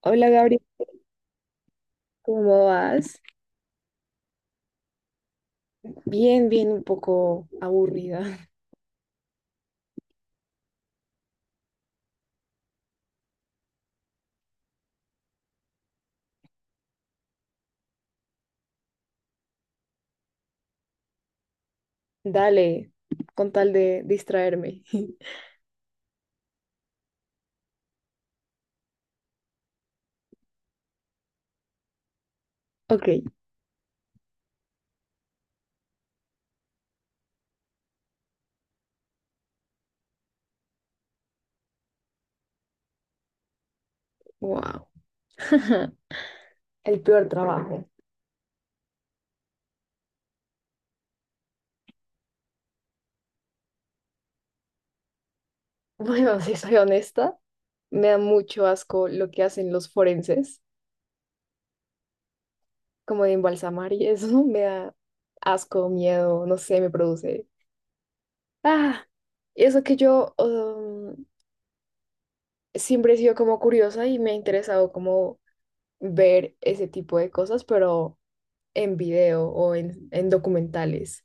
Hola Gabriel, ¿cómo vas? Bien, bien, un poco aburrida. Dale, con tal de distraerme. Ok, wow. El peor trabajo. Bueno, si soy honesta, me da mucho asco lo que hacen los forenses, como de embalsamar y eso, me da asco, miedo, no sé, me produce. Ah, y eso que yo siempre he sido como curiosa y me ha interesado como ver ese tipo de cosas, pero en video o en documentales,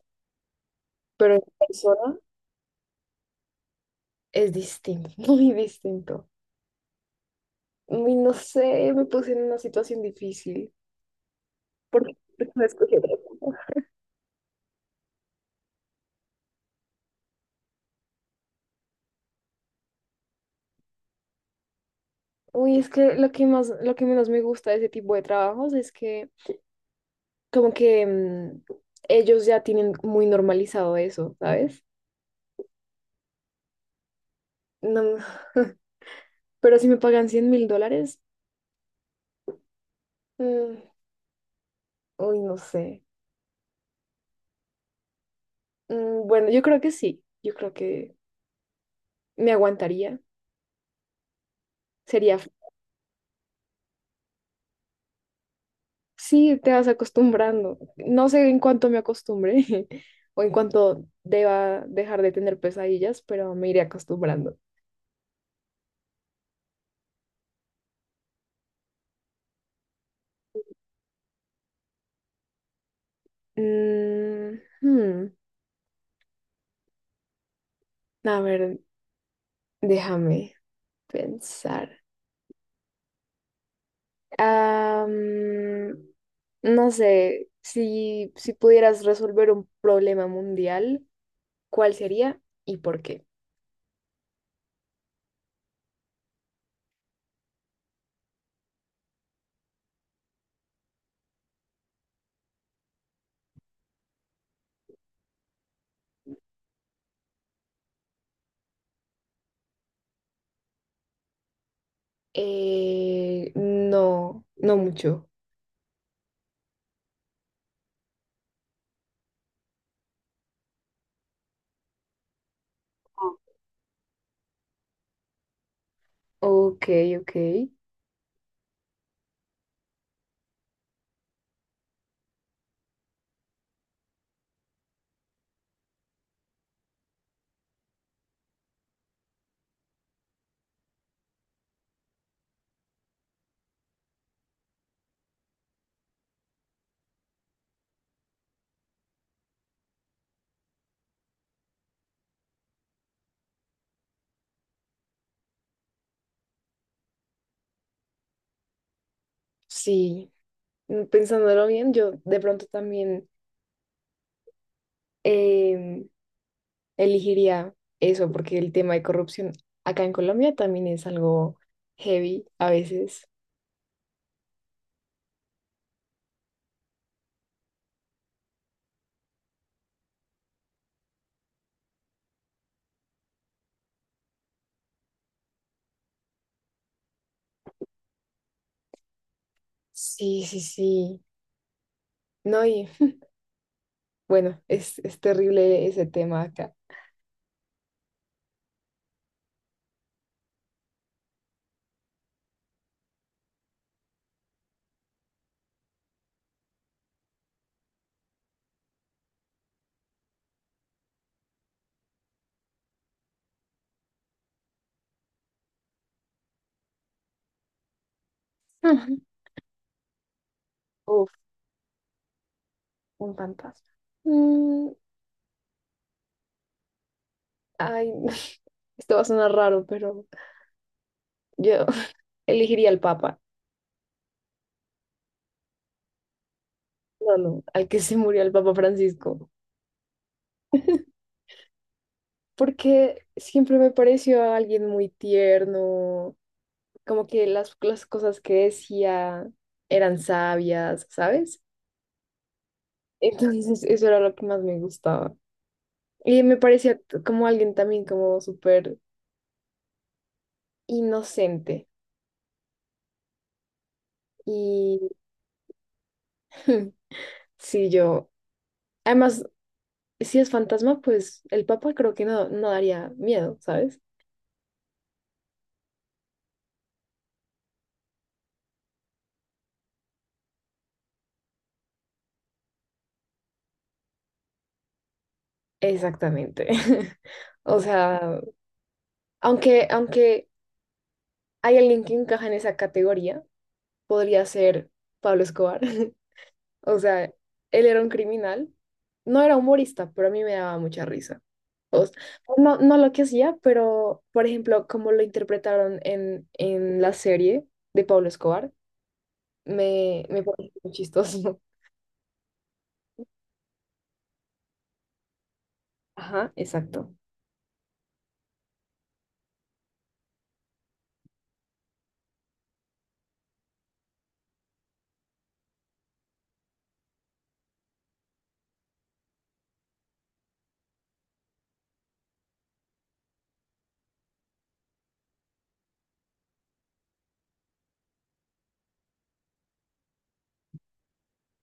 pero en persona es distinto, muy distinto. Uy, no sé, me puse en una situación difícil porque no escogí otra cosa. Uy, es que lo que más, lo que menos me gusta de ese tipo de trabajos es que como que ellos ya tienen muy normalizado eso, ¿sabes? No, pero si me pagan 100.000 dólares, mm, uy, no sé. Bueno, yo creo que sí, yo creo que me aguantaría, sería. Sí, te vas acostumbrando. No sé en cuánto me acostumbre o en cuánto deba dejar de tener pesadillas, pero me iré acostumbrando. Mm, hmm, A ver, déjame pensar. Ah, no sé, si pudieras resolver un problema mundial, ¿cuál sería y por qué? No, no mucho. Ok, ok. Sí. mm, pensándolo bien, yo de pronto también em, elegiría eso, porque el tema de corrupción acá en Colombia también es algo heavy a veces. Sí, sí, sí. No, y bueno, es terrible ese tema acá. Ujú. Uf, un fantasma. Mm, ay, esto va a sonar raro, pero yo elegiría al Papa. No, no, al que se murió, el Papa Francisco. Porque siempre me pareció alguien muy tierno, como que las cosas que decía eran sabias, ¿sabes? Entonces eso era lo que más me gustaba. Y me parecía como alguien también como súper inocente. Y sí, yo, además, si es fantasma, pues el papá creo que no, no daría miedo, ¿sabes? Exactamente. O sea, aunque hay alguien que encaja en esa categoría, podría ser Pablo Escobar. O sea, él era un criminal. No era humorista, pero a mí me daba mucha risa. O s- no, no lo que hacía, pero, por ejemplo, como lo interpretaron en la serie de Pablo Escobar, me parece muy chistoso. Ajá, exacto.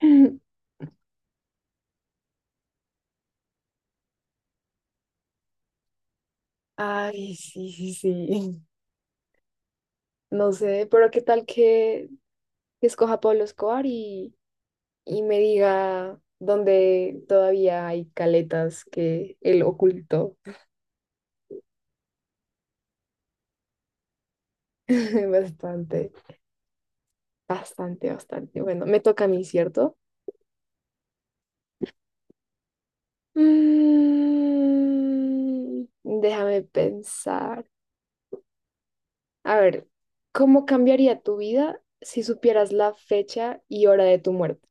Ay, sí, sí, sí. No sé, pero qué tal que escoja Pablo Escobar y me diga dónde todavía hay caletas que él ocultó. Bastante. Bastante, bastante. Bueno, me toca a mí, ¿cierto? Déjame pensar. A ver, ¿cómo cambiaría tu vida si supieras la fecha y hora de tu muerte?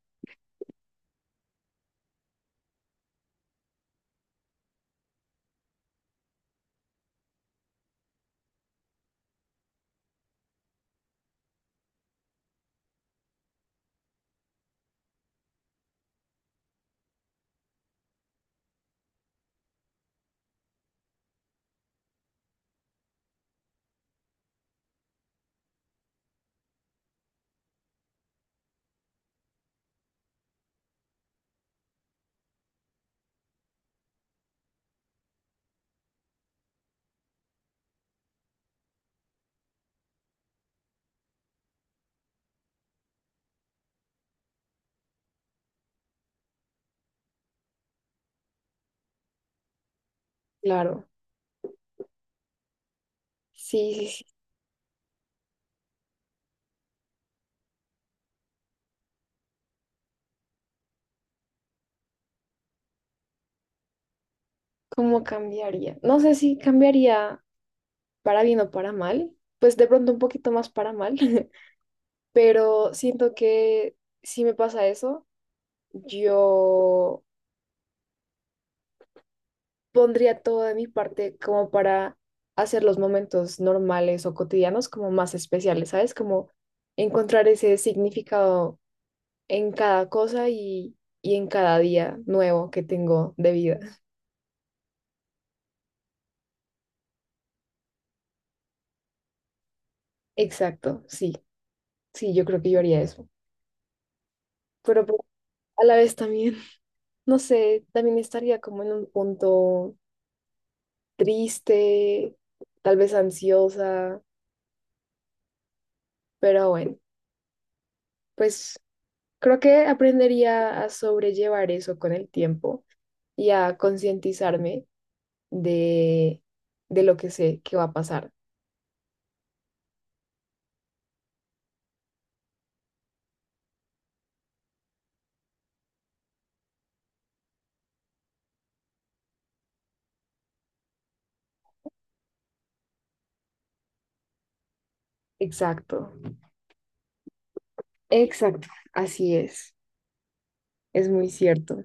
Claro. Sí, sí, sí. ¿Cómo cambiaría? No sé si cambiaría para bien o para mal. Pues de pronto un poquito más para mal. Pero siento que si me pasa eso, yo pondría todo de mi parte como para hacer los momentos normales o cotidianos como más especiales, ¿sabes? Como encontrar ese significado en cada cosa y en cada día nuevo que tengo de vida. Exacto, sí, sí, yo creo que yo haría eso. Pero pues, a la vez también, no sé, también estaría como en un punto triste, tal vez ansiosa, pero bueno, pues creo que aprendería a sobrellevar eso con el tiempo y a concientizarme de, de lo que sé que va a pasar. Exacto, exacto, así es muy cierto.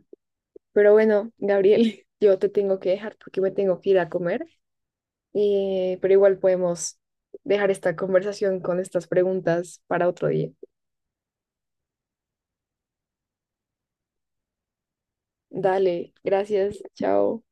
Pero bueno, Gabriel, yo te tengo que dejar porque me tengo que ir a comer, pero igual podemos dejar esta conversación con estas preguntas para otro día. Dale, gracias, chao.